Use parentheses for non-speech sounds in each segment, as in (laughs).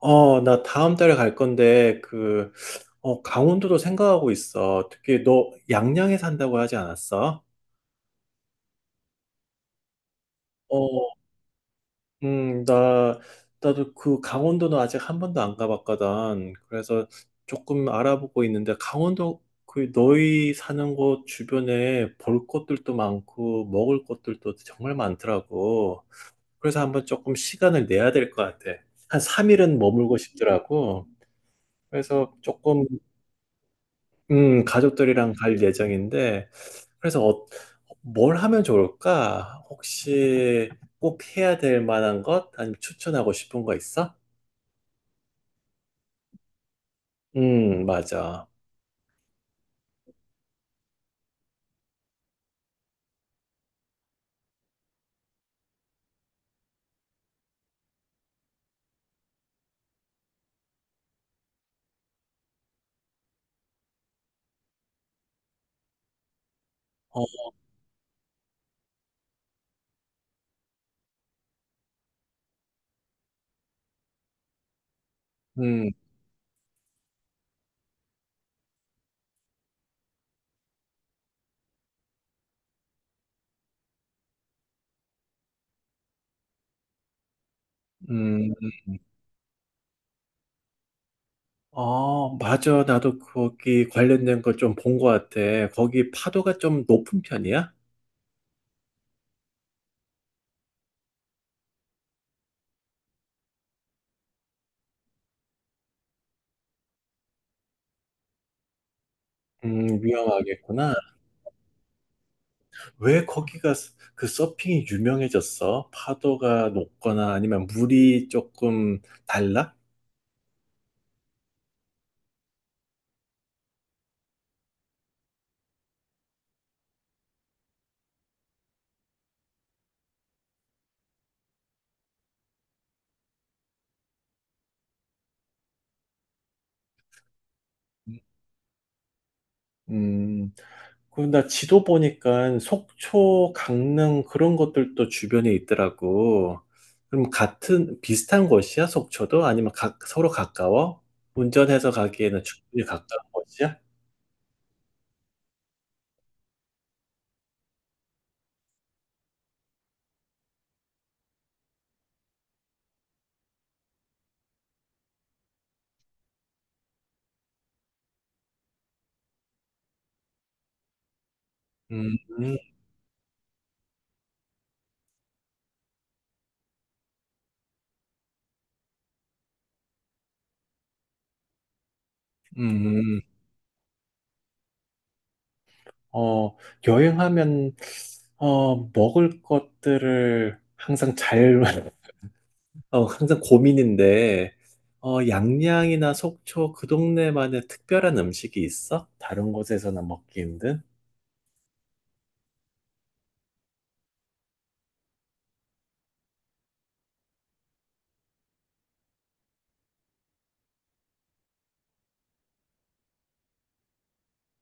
나 다음 달에 갈 건데, 강원도도 생각하고 있어. 특히 너 양양에 산다고 하지 않았어? 어, 음, 나, 나도 강원도는 아직 한 번도 안 가봤거든. 그래서 조금 알아보고 있는데, 강원도 너희 사는 곳 주변에 볼 것들도 많고, 먹을 것들도 정말 많더라고. 그래서 한번 조금 시간을 내야 될 것 같아. 한 3일은 머물고 싶더라고. 그래서 조금 가족들이랑 갈 예정인데, 그래서 뭘 하면 좋을까? 혹시 꼭 해야 될 만한 것? 아니면 추천하고 싶은 거 있어? 맞아. 어, 음, 음, 맞아. 나도 거기 관련된 걸 좀 본 것 같아. 거기 파도가 좀 높은 편이야? 위험하겠구나. 왜 거기가 서핑이 유명해졌어? 파도가 높거나 아니면 물이 조금 달라? 음. 그럼 나 지도 보니까 속초, 강릉 그런 것들도 주변에 있더라고. 그럼 같은 비슷한 곳이야, 속초도? 아니면 서로 가까워? 운전해서 가기에는 충분히 가까운 곳이야? 음, 음, 음. 어, 여행하면 먹을 것들을 항상 잘, (laughs) 항상 고민인데, 양양이나 속초 그 동네만의 특별한 음식이 있어? 다른 곳에서나 먹기 힘든?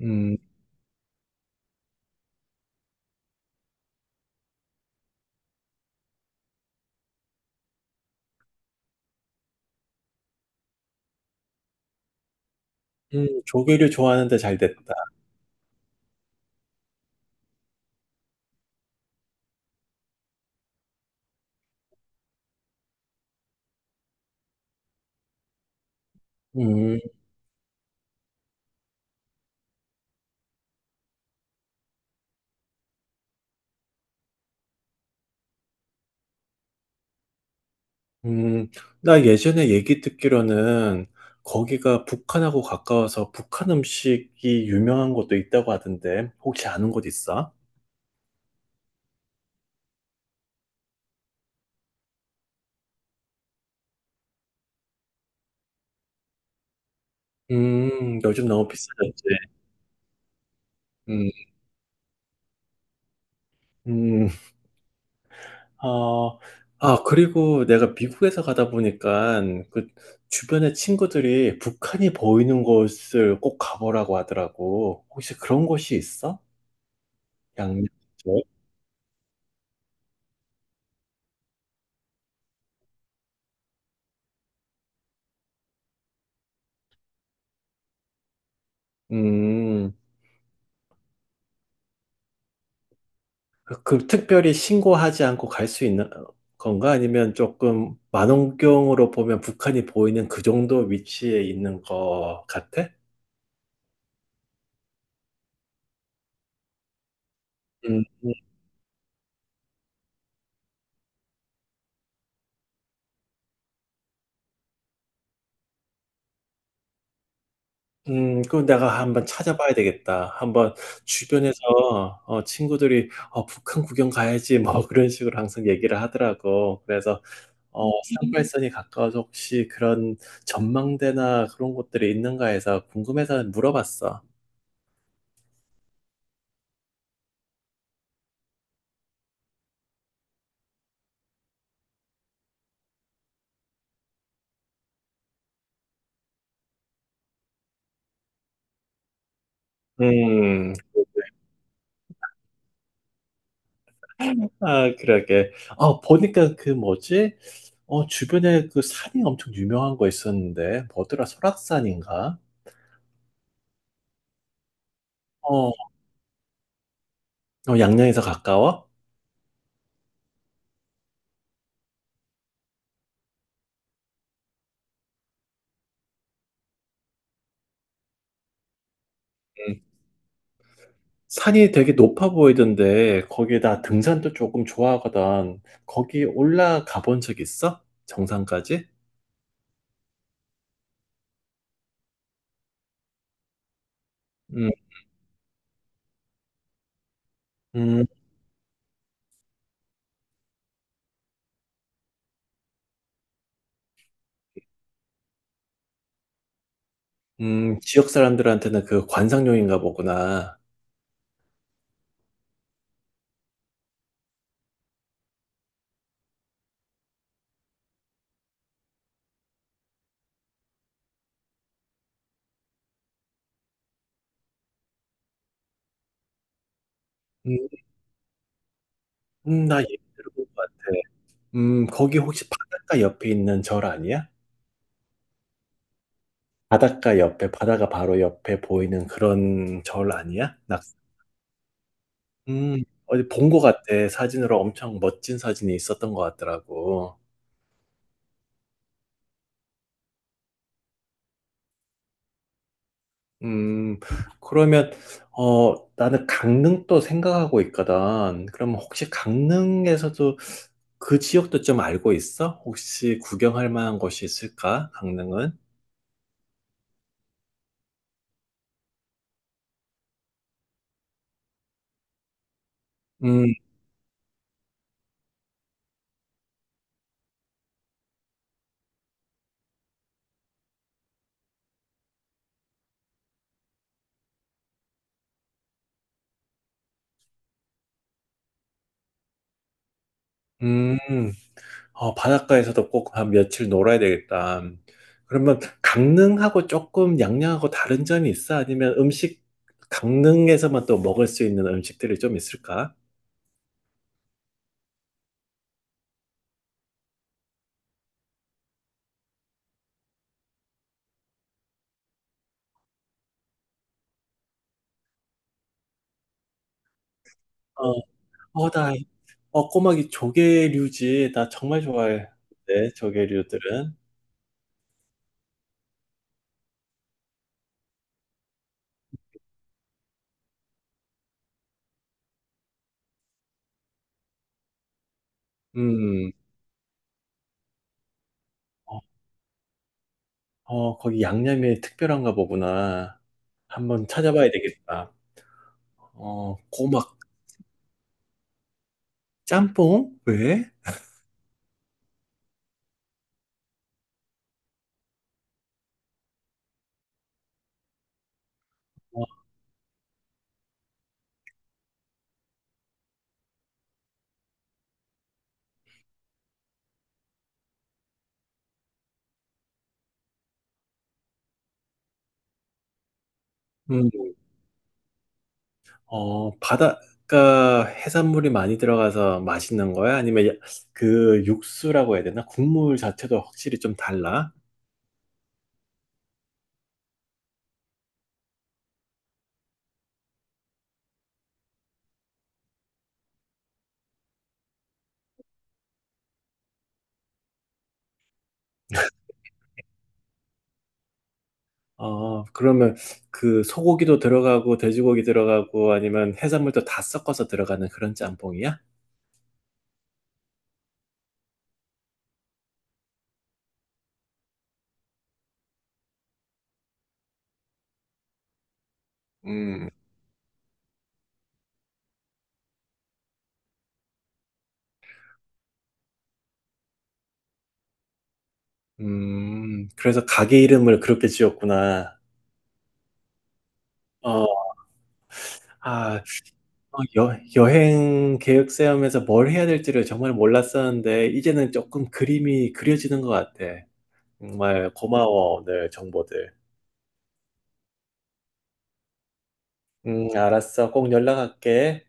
음. 조개를 좋아하는데 잘 됐다. 음, 음, 나 예전에 얘기 듣기로는 거기가 북한하고 가까워서 북한 음식이 유명한 곳도 있다고 하던데, 혹시 아는 곳 있어? 요즘 너무 비싸졌지. 음, 음, 어, 그리고 내가 미국에서 가다 보니까 그 주변에 친구들이 북한이 보이는 곳을 꼭 가보라고 하더라고. 혹시 그런 곳이 있어? 양양? 쪽? 음. 특별히 신고하지 않고 갈 수 있는 건가? 아니면 조금 망원경으로 보면 북한이 보이는 그 정도 위치에 있는 것 같아? 음, 그럼 내가 한번 찾아봐야 되겠다. 한번 주변에서 친구들이 북한 구경 가야지 뭐 (laughs) 그런 식으로 항상 얘기를 하더라고. 그래서 어, 상발선이 가까워서 혹시 그런 전망대나 그런 곳들이 있는가 해서 궁금해서 물어봤어. 음, 그러게. 아, 보니까 그 뭐지? 주변에 그 산이 엄청 유명한 거 있었는데, 뭐더라? 설악산인가? 어, 어, 양양에서 가까워? 응, 산이 되게 높아 보이던데, 거기에다 등산도 조금 좋아하거든. 거기 올라가 본 적 있어? 정상까지? 음, 음, 지역 사람들한테는 그 관상용인가 보구나. 음, 나 얘기 들어본 것 같아. 거기 혹시 바닷가 옆에 있는 절 아니야? 바닷가 옆에, 바다가 바로 옆에 보이는 그런 절 아니야? 어디 본 것 같아. 사진으로 엄청 멋진 사진이 있었던 것 같더라고. 음, 그러면, 나는 강릉도 생각하고 있거든. 그럼 혹시 강릉에서도 그 지역도 좀 알고 있어? 혹시 구경할 만한 곳이 있을까? 강릉은? 음, 음. 바닷가에서도 꼭 한 며칠 놀아야 되겠다. 그러면 강릉하고 조금 양양하고 다른 점이 있어? 아니면 음식, 강릉에서만 또 먹을 수 있는 음식들이 좀 있을까? 어, 어, 나, 꼬막이 조개류지. 나 정말 좋아해. 네, 조개류들은. 음, 어, 거기 양념이 특별한가 보구나. 한번 찾아봐야 되겠다. 어, 꼬막, 짬뽕? 왜? 어, 바닷가 해산물이 많이 들어가서 맛있는 거야? 아니면 육수라고 해야 되나? 국물 자체도 확실히 좀 달라? 그러면 소고기도 들어가고 돼지고기 들어가고 아니면 해산물도 다 섞어서 들어가는 그런 짬뽕이야? 음, 그래서 가게 이름을 그렇게 지었구나. 어. 아. 어 여 여행 계획 세우면서 뭘 해야 될지를 정말 몰랐었는데 이제는 쪼끔 그림이 그려지는 것 같아. 정말 고마워, 오늘 정보들. 음, 알았어. 꼭 연락할게.